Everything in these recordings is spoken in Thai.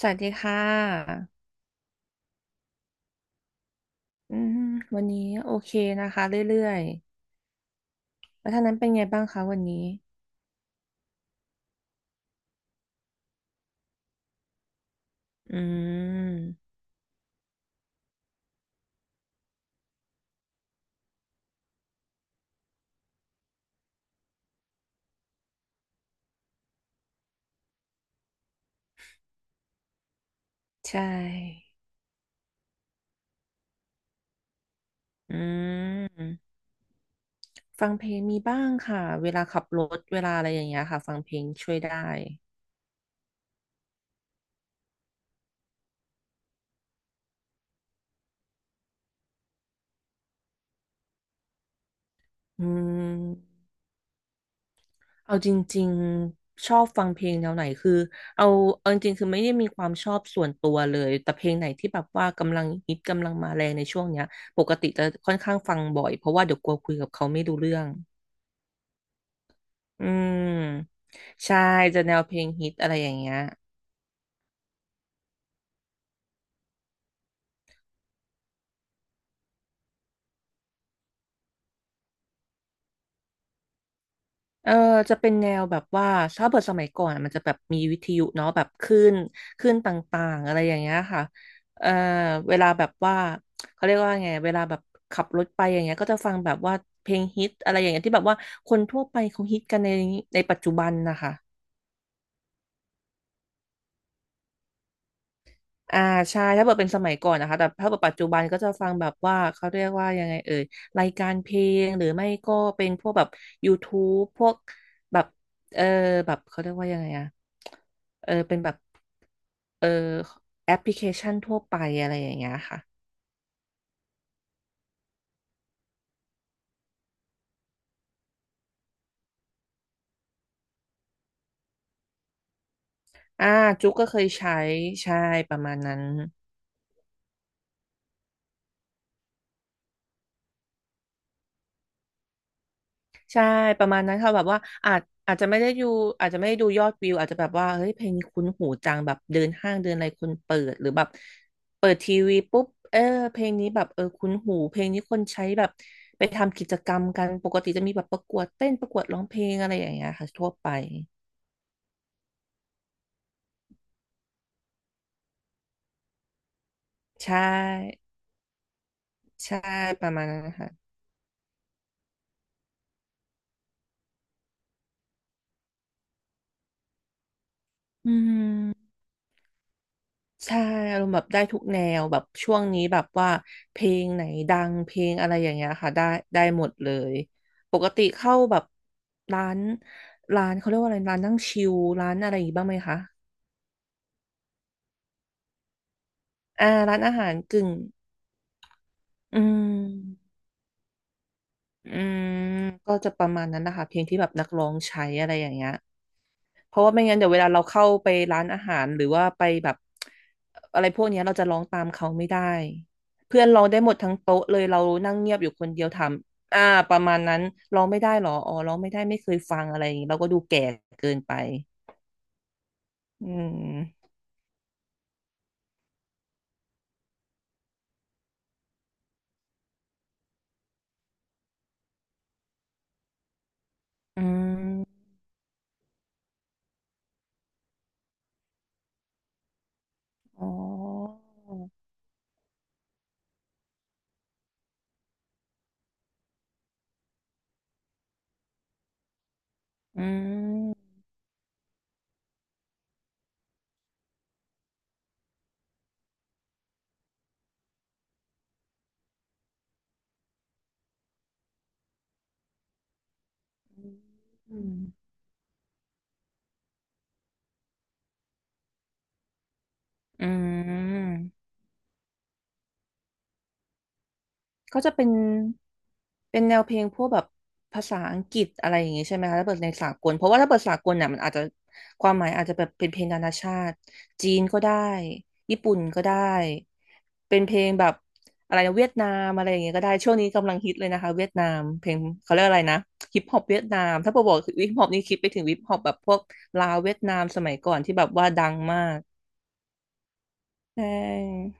สวัสดีค่ะอืมวันนี้โอเคนะคะเรื่อยๆแล้วท่างนั้นเป็นไงบ้างคะวันนี้อืมใช่อืมฟังเพลงมีบ้างค่ะเวลาขับรถเวลาอะไรอย่างเงี้ยค่ะฟังเพลงช่วยได้อืมเอาจริงๆ ชอบฟังเพลงแนวไหนคือเอาเอาจริงๆคือไม่ได้มีความชอบส่วนตัวเลยแต่เพลงไหนที่แบบว่ากำลังฮิตกำลังมาแรงในช่วงเนี้ยปกติจะค่อนข้างฟังบ่อยเพราะว่าเดี๋ยวกลัวคุยกับเขาไม่รู้เรื่อง อืมใช่จะแนวเพลงฮิตอะไรอย่างเงี้ยเออจะเป็นแนวแบบว่าถ้าเปิดสมัยก่อนอะมันจะแบบมีวิทยุเนาะแบบคลื่นต่างๆอะไรอย่างเงี้ยค่ะเออเวลาแบบว่าเขาเรียกว่าไงเวลาแบบขับรถไปอย่างเงี้ยก็จะฟังแบบว่าเพลงฮิตอะไรอย่างเงี้ยที่แบบว่าคนทั่วไปเขาฮิตกันในปัจจุบันนะคะ อ่าใช่ถ้าเกิดเป็นสมัยก่อนนะคะแต่ถ้าเกิดปัจจุบันก็จะฟังแบบว่าเขาเรียกว่ายังไงเอ่ยรายการเพลงหรือไม่ก็เป็นพวกแบบ YouTube พวกแบบเออแบบเขาเรียกว่ายังไงอะเป็นแบบเออแอปพลิเคชันทั่วไปอะไรอย่างเงี้ยค่ะอ่าจุ๊กก็เคยใช้ใช่ประมาณนั้น ใช่ประมาณนั้นค่ะแบบว่าอาจอาจจะไม่ได้ดูอาจจะไม่ได้ดูยอดวิวอาจจะแบบว่าเฮ้ยเพลงนี้คุ้นหูจังแบบเดินห้างเดินอะไรคนเปิดหรือแบบเปิดทีวีปุ๊บเออเพลงนี้แบบคุ้นหูเพลงนี้คนใช้แบบไปทำกิจกรรมกันปกติจะมีแบบประกวดเต้นประกวดร้องเพลงอะไรอย่างเงี้ยค่ะทั่วไปใช่ใช่ประมาณนั้นนะค่ะอืม ใช่อารมณ์แบบได้ทุกแนวแบบช่วงนี้แบบว่าเพลงไหนดังเพลงอะไรอย่างเงี้ยค่ะได้ได้หมดเลยปกติเข้าแบบร้านร้านเขาเรียกว่าอะไรร้านนั่งชิลร้านอะไรอย่างงี้บ้างไหมคะอ่าร้านอาหารกึ่งอืมอืมก็จะประมาณนั้นนะคะเพลงที่แบบนักร้องใช้อะไรอย่างเงี้ย เพราะว่าไม่งั้นเดี๋ยวเวลาเราเข้าไปร้านอาหารหรือว่าไปแบบอะไรพวกเนี้ยเราจะร้องตามเขาไม่ได้เพื่อนร้องได้หมดทั้งโต๊ะเลยเรานั่งเงียบอยู่คนเดียวทำประมาณนั้นร้องไม่ได้หรออ๋อร้องไม่ได้ไม่เคยฟังอะไรอย่างงี้เราก็ดูแก่เกินไปอืมอืมอ๋ออืมอืม ก็จะเป็นแนวเพลงพวกแบบภาษาอังกฤษอะไรอย่างงี้ใช่ไหมคะถ้าเปิดในสากลเพราะว่าถ้าเปิดสากลเนี่ยมันอาจจะความหมายอาจจะแบบเป็นเพลงนานาชาติจีนก็ได้ญี่ปุ่นก็ได้เป็นเพลงแบบอะไรนะเวียดนามอะไรอย่างเงี้ยก็ได้ช่วงนี้กำลังฮิตเลยนะคะเวียดนามเพลงเขาเรียกอะไรนะฮิปฮอปเวียดนามถ้าเปิดบอกฮิปฮอปนี่คิดไปถึงฮิปฮอปแบบพวกลาวเวียดนามสมัยก่อนที่แบบว่าดังมากใช่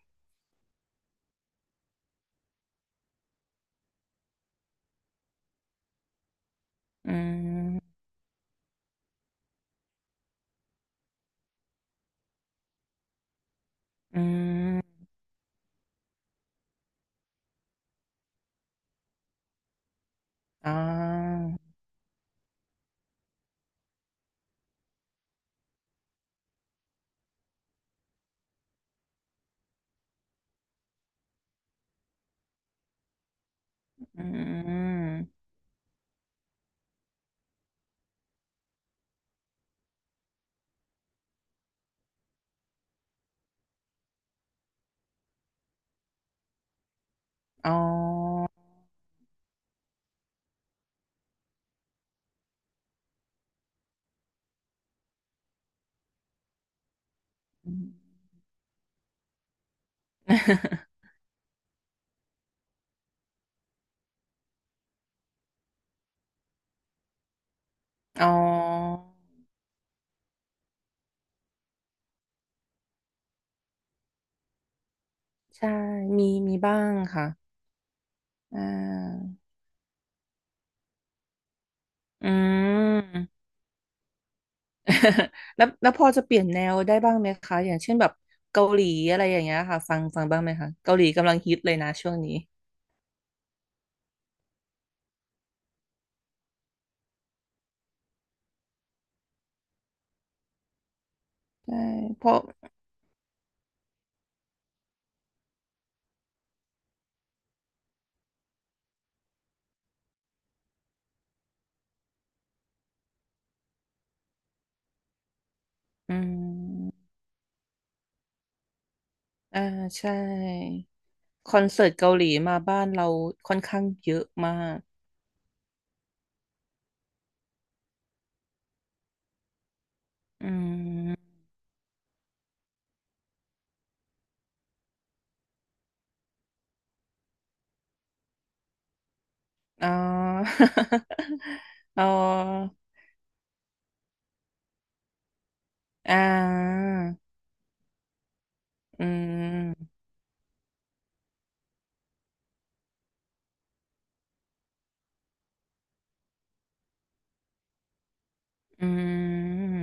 อืมอืมอ่า อืมอ๋อ อ๋อใช่มีมีบ้างค่ะอ่าอืม แล้วพอจะเปลี่ยนแนวได้บ้างไหมคะอย่างเช่นแบบเกาหลีอะไรอย่างเงี้ยค่ะฟังบ้างไหมคะเกาหลีกำลังฮิตเลยนะช่วงนี้ใช่เพราะอืมอ่าใช่คอนเสิร์ตเกาหลีมาบ้านเราค่อนข้างเยอะมากอืมอ๋อ อ๋อ อ่า อืม อืม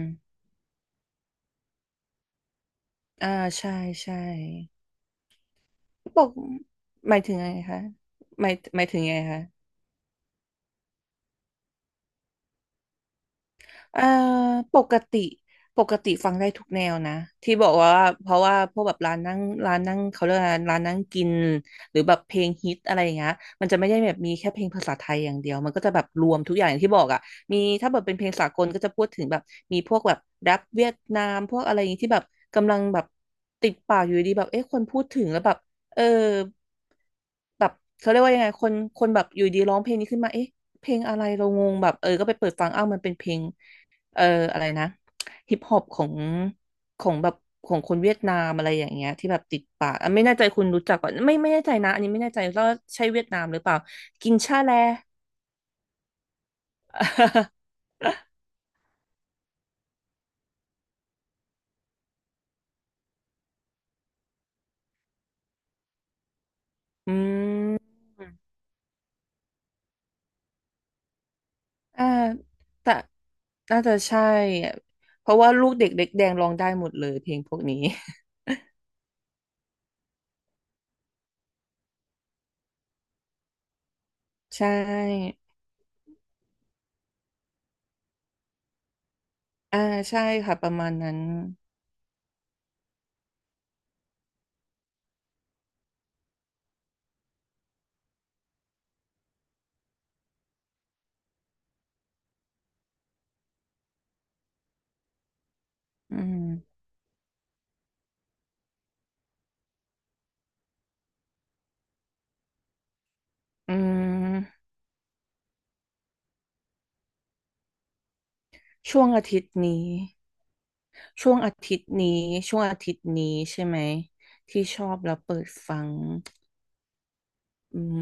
อ่า ใช่ ใช่บอกหมายถึงไงคะหมายถึงไงคะ เอ่อปกติปกติฟังได้ทุกแนวนะที่บอกว่าเพราะว่าพวกแบบร้านนั่งเขาเรียกว่าร้านนั่งกินหรือแบบเพลงฮิตอะไรอย่างเงี้ยมันจะไม่ได้แบบมีแค่เพลงภาษาไทยอย่างเดียวมันก็จะแบบรวมทุกอย่างอย่างที่บอกอ่ะมีถ้าแบบเป็นเพลงสากลก็จะพูดถึงแบบมีพวกแบบแรปเวียดนามพวกอะไรอย่างงี้ที่แบบกำลังแบบติดปากอยู่ดีแบบเอ๊ะคนพูดถึงแล้วแบบเออแบบเขาเรียกว่ายังไงคนแบบอยู่ดีร้องเพลงนี้ขึ้นมาเอ๊ะเพลงอะไรเรางงแบบก็ไปเปิดฟังอ้าวมันเป็นเพลง เอออะไรนะฮิปฮอปของแบบของคนเวียดนามอะไรอย่างเงี้ยที่แบบติดปากอ่ะไม่แน่ใจคุณรู้จักก่อนไม่แน่ใจนะอันนี้ไม่แน่ใจว่าใช่เวียดนามหรือเปล่ากินชาแล อืมอ่าแต่น่าจะใช่อะเพราะว่าลูกเด็กเล็กแดงร้องได้หมดเลยเพลงพวกนี้ ใช่อ่าใช่ค่ะประมาณนั้นอืมอืมช่วงอาทิตย์นี้ ช่วงอาทิตย์นี้ช่วงอาทิตย์นี้ใช่ไหมที่ชอบแล้วเปิดฟังอืม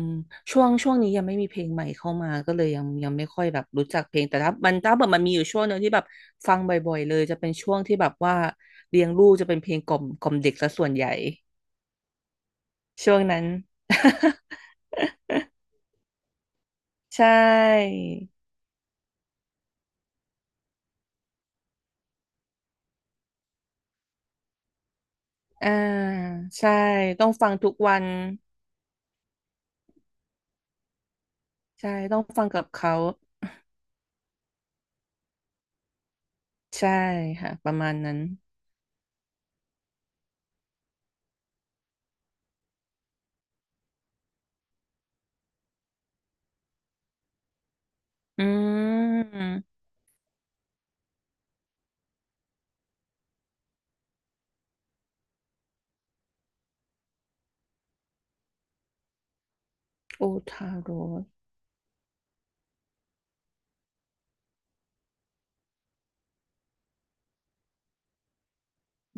ช่วงนี้ยังไม่มีเพลงใหม่เข้ามาก็เลยยังไม่ค่อยแบบรู้จักเพลงแต่ถ้าแบบมันมีอยู่ช่วงหนึ่งที่แบบฟังบ่อยๆเลยจะเป็นช่วงที่แบบว่าเลี้ยงลูกจะเป็นเพลงกล่อมเด็กซะส่วนใหญ่ช่วงนั้น ใช่อ่าใช่ต้องฟังทุกวันใช่ต้องฟังกับเขาใช่ค่ะประมาณนั้นอืมโอทาโร่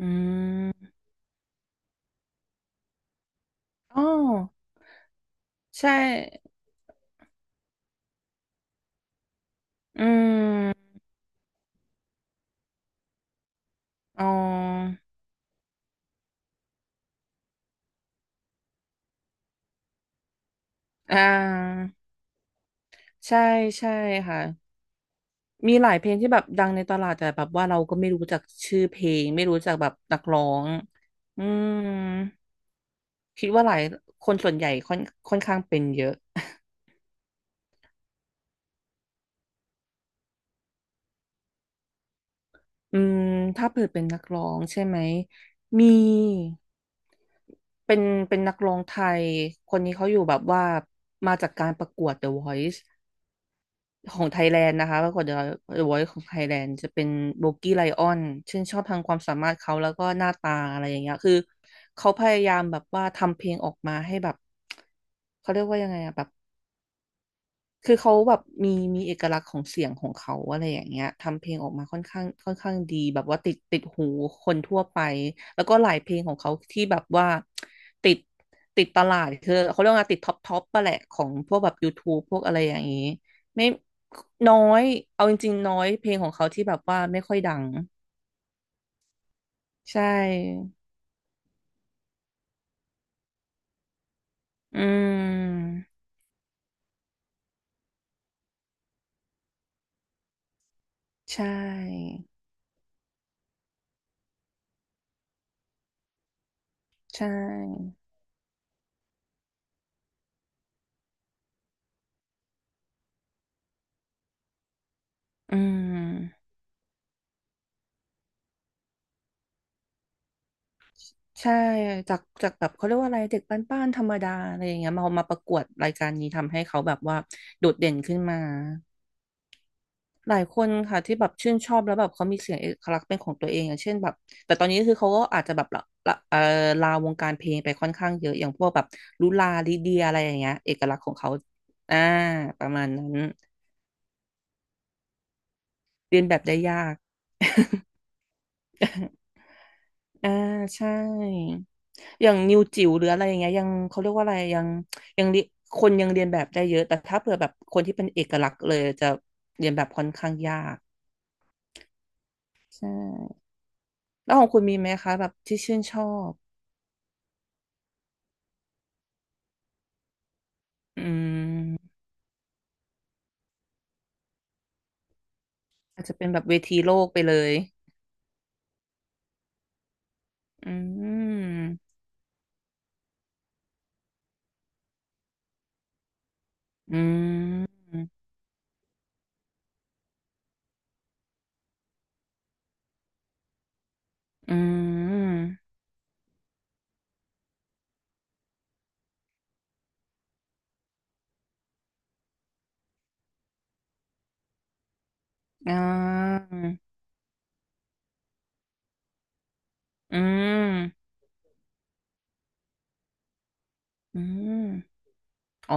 อืมอ๋อใช่อืมอ๋ออ่าใช่ใช่ค่ะมีหลายเพลงที่แบบดังในตลาดแต่แบบว่าเราก็ไม่รู้จักชื่อเพลงไม่รู้จักแบบนักร้องอืมคิดว่าหลายคนส่วนใหญ่ค่อนข้างเป็นเยอะ อืมถ้าเปิดเป็นนักร้องใช่ไหมมีเป็นเป็นนักร้องไทยคนนี้เขาอยู่แบบว่ามาจากการประกวด The Voice ของไทยแลนด์นะคะปรากฏเดอะวอยซ์ของไทยแลนด์จะเป็นโบกี้ไลออนชื่นชอบทางความสามารถเขาแล้วก็หน้าตาอะไรอย่างเงี้ยคือเขาพยายามแบบว่าทำเพลงออกมาให้แบบเขาเรียกว่ายังไงอะแบบ คือเขาแบบมีมีเอกลักษณ์ของเสียงของเขาอะไรอย่างเงี้ยทำเพลงออกมาค่อนข้างดีแบบว่าติดหูคนทั่วไปแล้วก็หลายเพลงของเขาที่แบบว่าติดติดตลาดคือเขาเรียกว่าติดท็อปปะแหละของพวกแบบ YouTube พวกอะไรอย่างงี้ไม่น้อยเอาจริงๆน้อยเพลงของเขาที่แบบว่าไม่ค่อยดังใช่อืมใช่ใช่อืม ใช่จากแบบเขาเรียกว่าอะไรเด็กบ้านๆธรรมดาอะไรอย่างเงี้ยมาประกวดรายการนี้ทำให้เขาแบบว่าโดดเด่นขึ้นมาหลายคนค่ะที่แบบชื่นชอบแล้วแบบเขามีเสียงเอกลักษณ์เป็นของตัวเองอย่างเช่นแบบแต่ตอนนี้คือเขาก็อาจจะแบบละละลาวงการเพลงไปค่อนข้างเยอะอย่างพวกแบบลุลาลิเดียอะไรอย่างเงี้ยเอกลักษณ์ของเขาอ่าประมาณนั้นเรียนแบบได้ยาก อ่าใช่อย่างนิวจิ๋วหรืออะไรอย่างเงี้ยยังเขาเรียกว่าอะไรยังยังเรียคนยังเรียนแบบได้เยอะแต่ถ้าเผื่อแบบคนที่เป็นเอกลักษณ์เลยจะเรียนแบบค่อนข้างยากใช่แล้วของคุณมีไหมคะแบบที่ชื่นชอบอืมอาจจะเป็นแบบเวทีโลกไปเลยอืมอืมอืมอ่าอืมอืมอ๋อ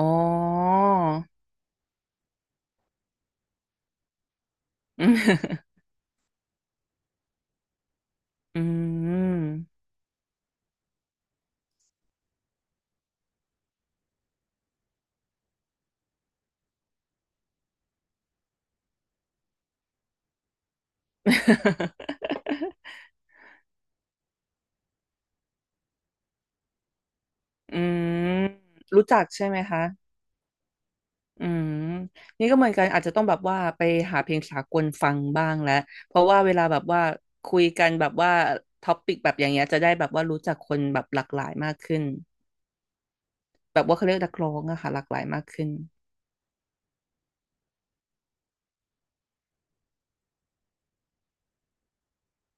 อืม อืม อืมรู้จักใช่ไหมคะอืมนี่ก็เหมือนกันอาจจะต้องแบบว่าไปหาเพลงสากลฟังบ้างแล้ว เพราะว่าเวลาแบบว่าคุยกันแบบว่าท็อปิกแบบอย่างเงี้ยจะได้แบบว่ารู้จักคนแบบหลากหลายมากขึ้นแบบว่าเขาเรียกนักร้องอะค่ะหลากหลายมากขึ้น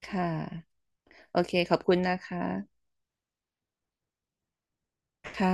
ค่ะโอเค ขอบคุณนะคะค่ะ